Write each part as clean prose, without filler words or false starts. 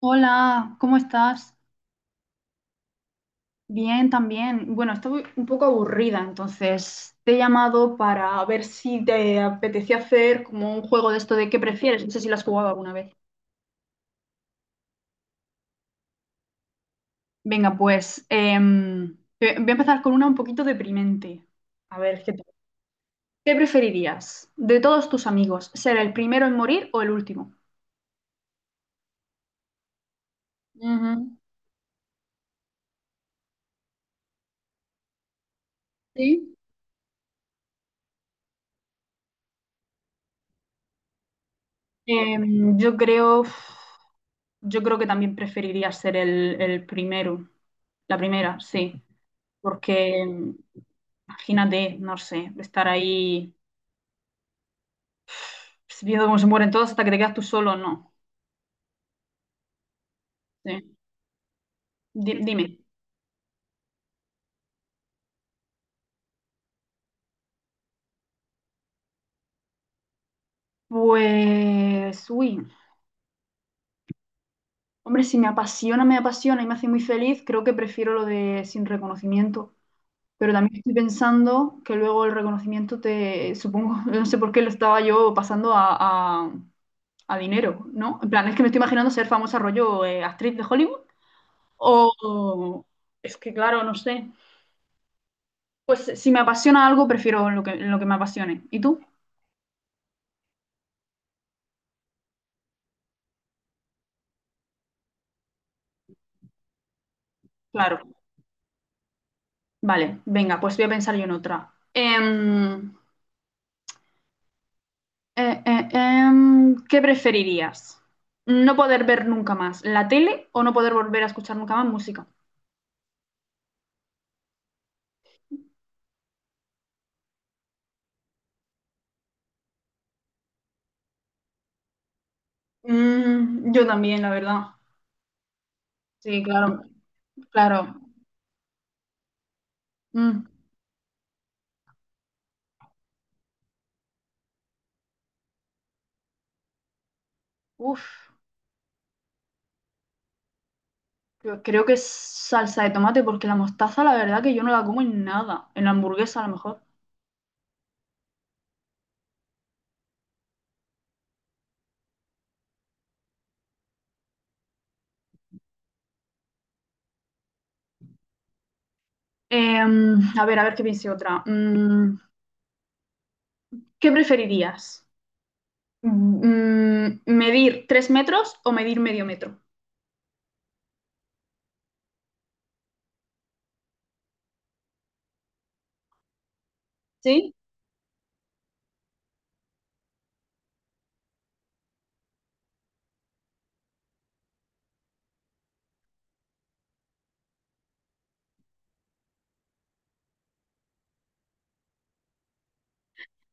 Hola, ¿cómo estás? Bien, también. Bueno, estoy un poco aburrida, entonces te he llamado para ver si te apetecía hacer como un juego de esto de qué prefieres. No sé si lo has jugado alguna vez. Venga, pues voy a empezar con una un poquito deprimente. A ver, ¿qué tal? ¿Qué preferirías de todos tus amigos? ¿Ser el primero en morir o el último? Ujú. ¿Sí? Em, yo creo, yo creo que también preferiría ser el primero, la primera, sí, porque imagínate, no sé, estar ahí viendo cómo se mueren todos hasta que te quedas tú solo, no. Sí. Dime. Pues, uy, hombre, si me apasiona, me apasiona y me hace muy feliz, creo que prefiero lo de sin reconocimiento. Pero también estoy pensando que luego el reconocimiento te, supongo, no sé por qué lo estaba yo pasando a- a dinero, ¿no? En plan, es que me estoy imaginando ser famosa rollo actriz de Hollywood o. Es que, claro, no sé. Pues si me apasiona algo, prefiero lo que me apasione. ¿Y tú? Claro. Vale, venga, pues voy a pensar yo en otra. ¿Qué preferirías? ¿No poder ver nunca más la tele o no poder volver a escuchar nunca más música? Yo también, la verdad. Sí, claro, claro. Mm, uf. Creo que es salsa de tomate, porque la mostaza, la verdad, que yo no la como en nada. En la hamburguesa, a lo mejor. A ver qué piense otra. ¿Qué preferirías? ¿Medir 3 metros o medir medio metro? Sí,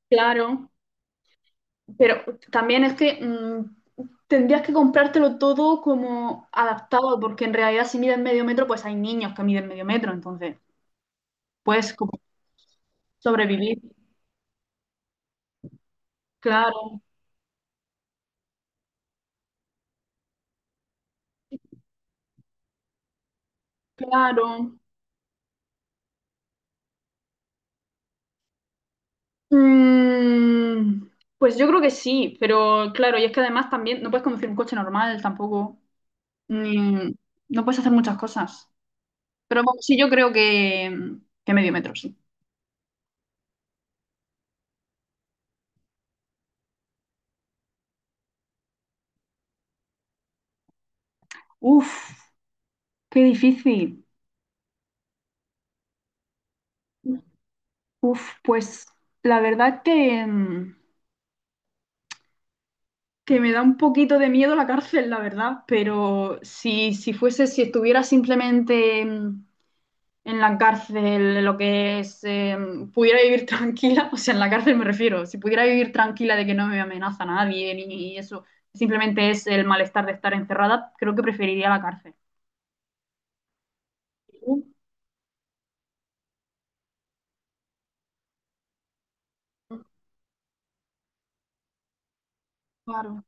claro. Pero también es que tendrías que comprártelo todo como adaptado, porque en realidad, si mides medio metro, pues hay niños que miden medio metro, entonces puedes como sobrevivir. Claro, claro. Mm, pues yo creo que sí, pero claro, y es que además también no puedes conducir un coche normal tampoco, ni- no puedes hacer muchas cosas. Pero bueno, sí, yo creo que medio metro, sí. Uf, qué difícil. Uf, pues la verdad que me da un poquito de miedo la cárcel, la verdad, pero si, fuese, si estuviera simplemente. En la cárcel lo que es, pudiera vivir tranquila, o sea, en la cárcel me refiero, si pudiera vivir tranquila de que no me amenaza nadie ni eso, simplemente es el malestar de estar encerrada, creo que preferiría la cárcel. Uh, Claro,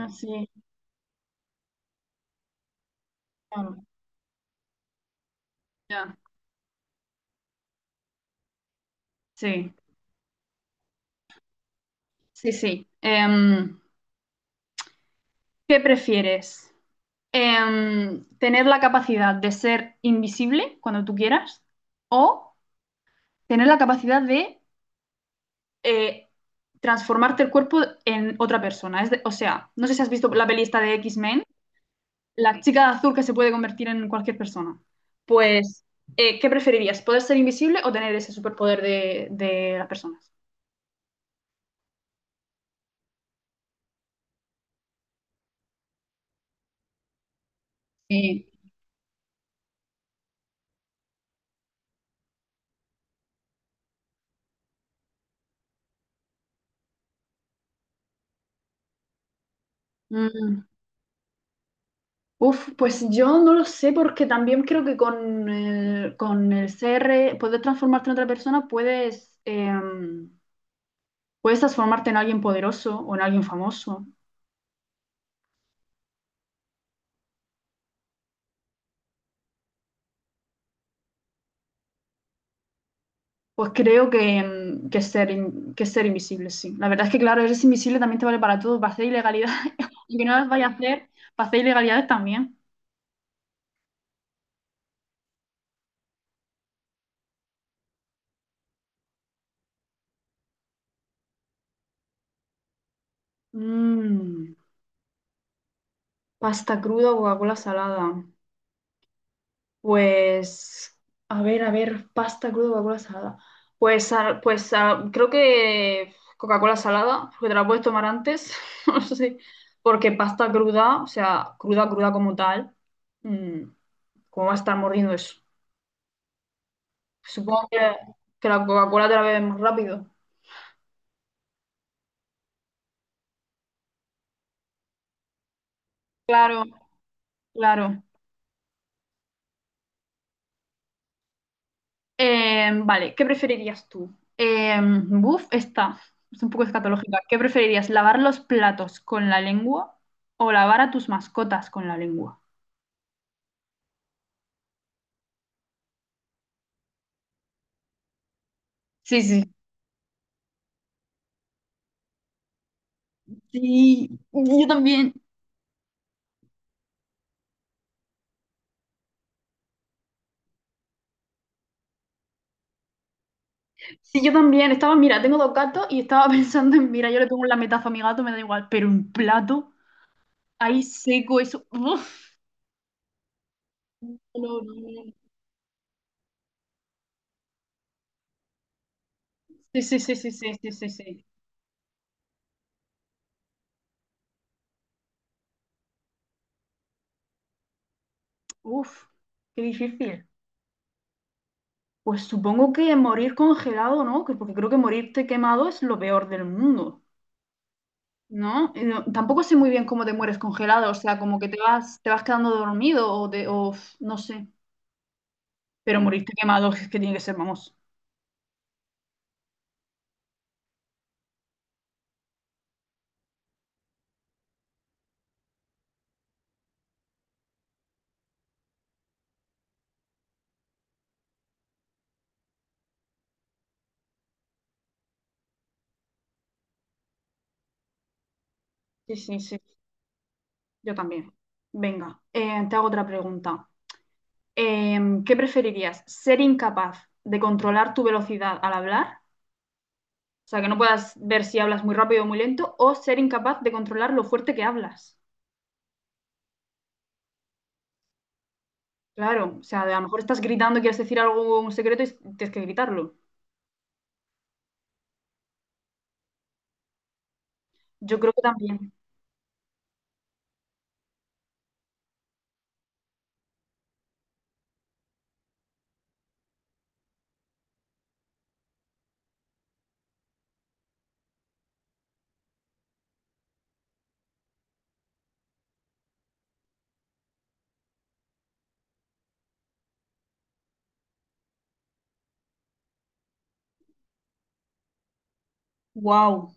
así, claro, ya, sí, sí, sí. ¿Qué prefieres? ¿Tener la capacidad de ser invisible cuando tú quieras o tener la capacidad de eh, transformarte el cuerpo en otra persona? O sea, no sé si has visto la peli esta de X-Men, la chica de azul que se puede convertir en cualquier persona. Pues, ¿qué preferirías? ¿Poder ser invisible o tener ese superpoder de, las personas? Sí. Mm, uf, pues yo no lo sé porque también creo que con el CR, poder transformarte en otra persona, puedes transformarte en alguien poderoso o en alguien famoso. Pues creo que ser, que ser invisible, sí. La verdad es que, claro, eres invisible también te vale para todo, para hacer ilegalidades, y que no las vayas a hacer, para hacer ilegalidades también. Mm, pasta cruda o Coca-Cola salada. Pues, a ver, pasta cruda o Coca-Cola salada. Pues, creo que Coca-Cola salada, porque te la puedes tomar antes, no sé, porque pasta cruda, o sea, cruda, cruda como tal, mm, ¿cómo va a estar mordiendo eso? Supongo que la Coca-Cola te la bebes más rápido. Claro, claro. Vale, ¿qué preferirías tú? Buf, esta es un poco escatológica. ¿Qué preferirías, lavar los platos con la lengua o lavar a tus mascotas con la lengua? Sí, sí. Sí, yo también. Sí, yo también. Estaba, mira, tengo dos gatos y estaba pensando en, mira, yo le pongo un lametazo a mi gato, me da igual, pero un plato ahí seco, eso. Uf, no, no, no. Sí, sí, sí, sí, sí, sí, sí, sí. Uf, qué difícil. Pues supongo que morir congelado, ¿no? Porque creo que morirte quemado es lo peor del mundo, ¿no? Tampoco sé muy bien cómo te mueres congelado, o sea, como que te vas, quedando dormido o, te- o f- no sé. Pero morirte quemado es que tiene que ser, vamos. Sí, sí, sí. Yo también. Venga, te hago otra pregunta. ¿Qué preferirías? ¿Ser incapaz de controlar tu velocidad al hablar? O sea, que no puedas ver si hablas muy rápido o muy lento, o ser incapaz de controlar lo fuerte que hablas. Claro, o sea, de a lo mejor estás gritando, quieres decir algo, un secreto y tienes que gritarlo. Yo creo que también. ¡Wow!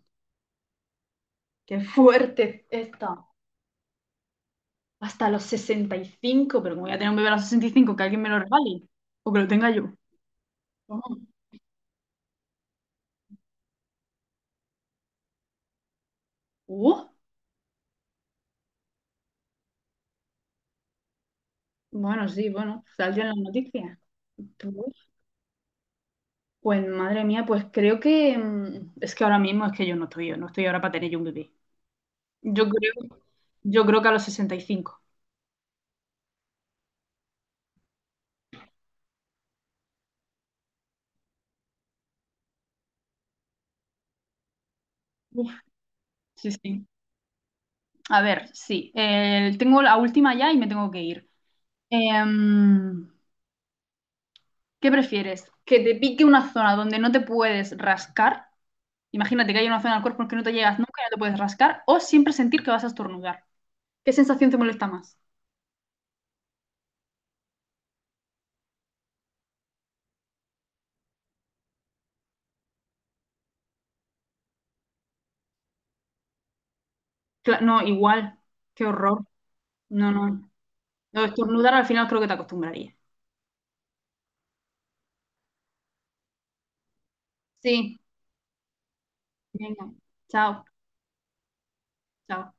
¡Qué fuerte está! Hasta los 65, pero como voy a tener un bebé a los 65, que alguien me lo regale o que lo tenga yo. Oh, uh, bueno, sí, bueno, salió en las noticias. Uf, pues madre mía, pues creo que es que ahora mismo es que yo no estoy ahora para tener yo un bebé. Yo creo, yo creo que a los 65. Uf, sí, sí. A ver, sí. Tengo la última ya y me tengo que ir. Em, ¿Qué prefieres? ¿Que te pique una zona donde no te puedes rascar? Imagínate que hay una zona del cuerpo en que no te llegas nunca y no te puedes rascar. ¿O siempre sentir que vas a estornudar? ¿Qué sensación te molesta más? No, igual. Qué horror. No, no. No, estornudar al final creo que te acostumbraría. Sí. Venga. Chao. Chao.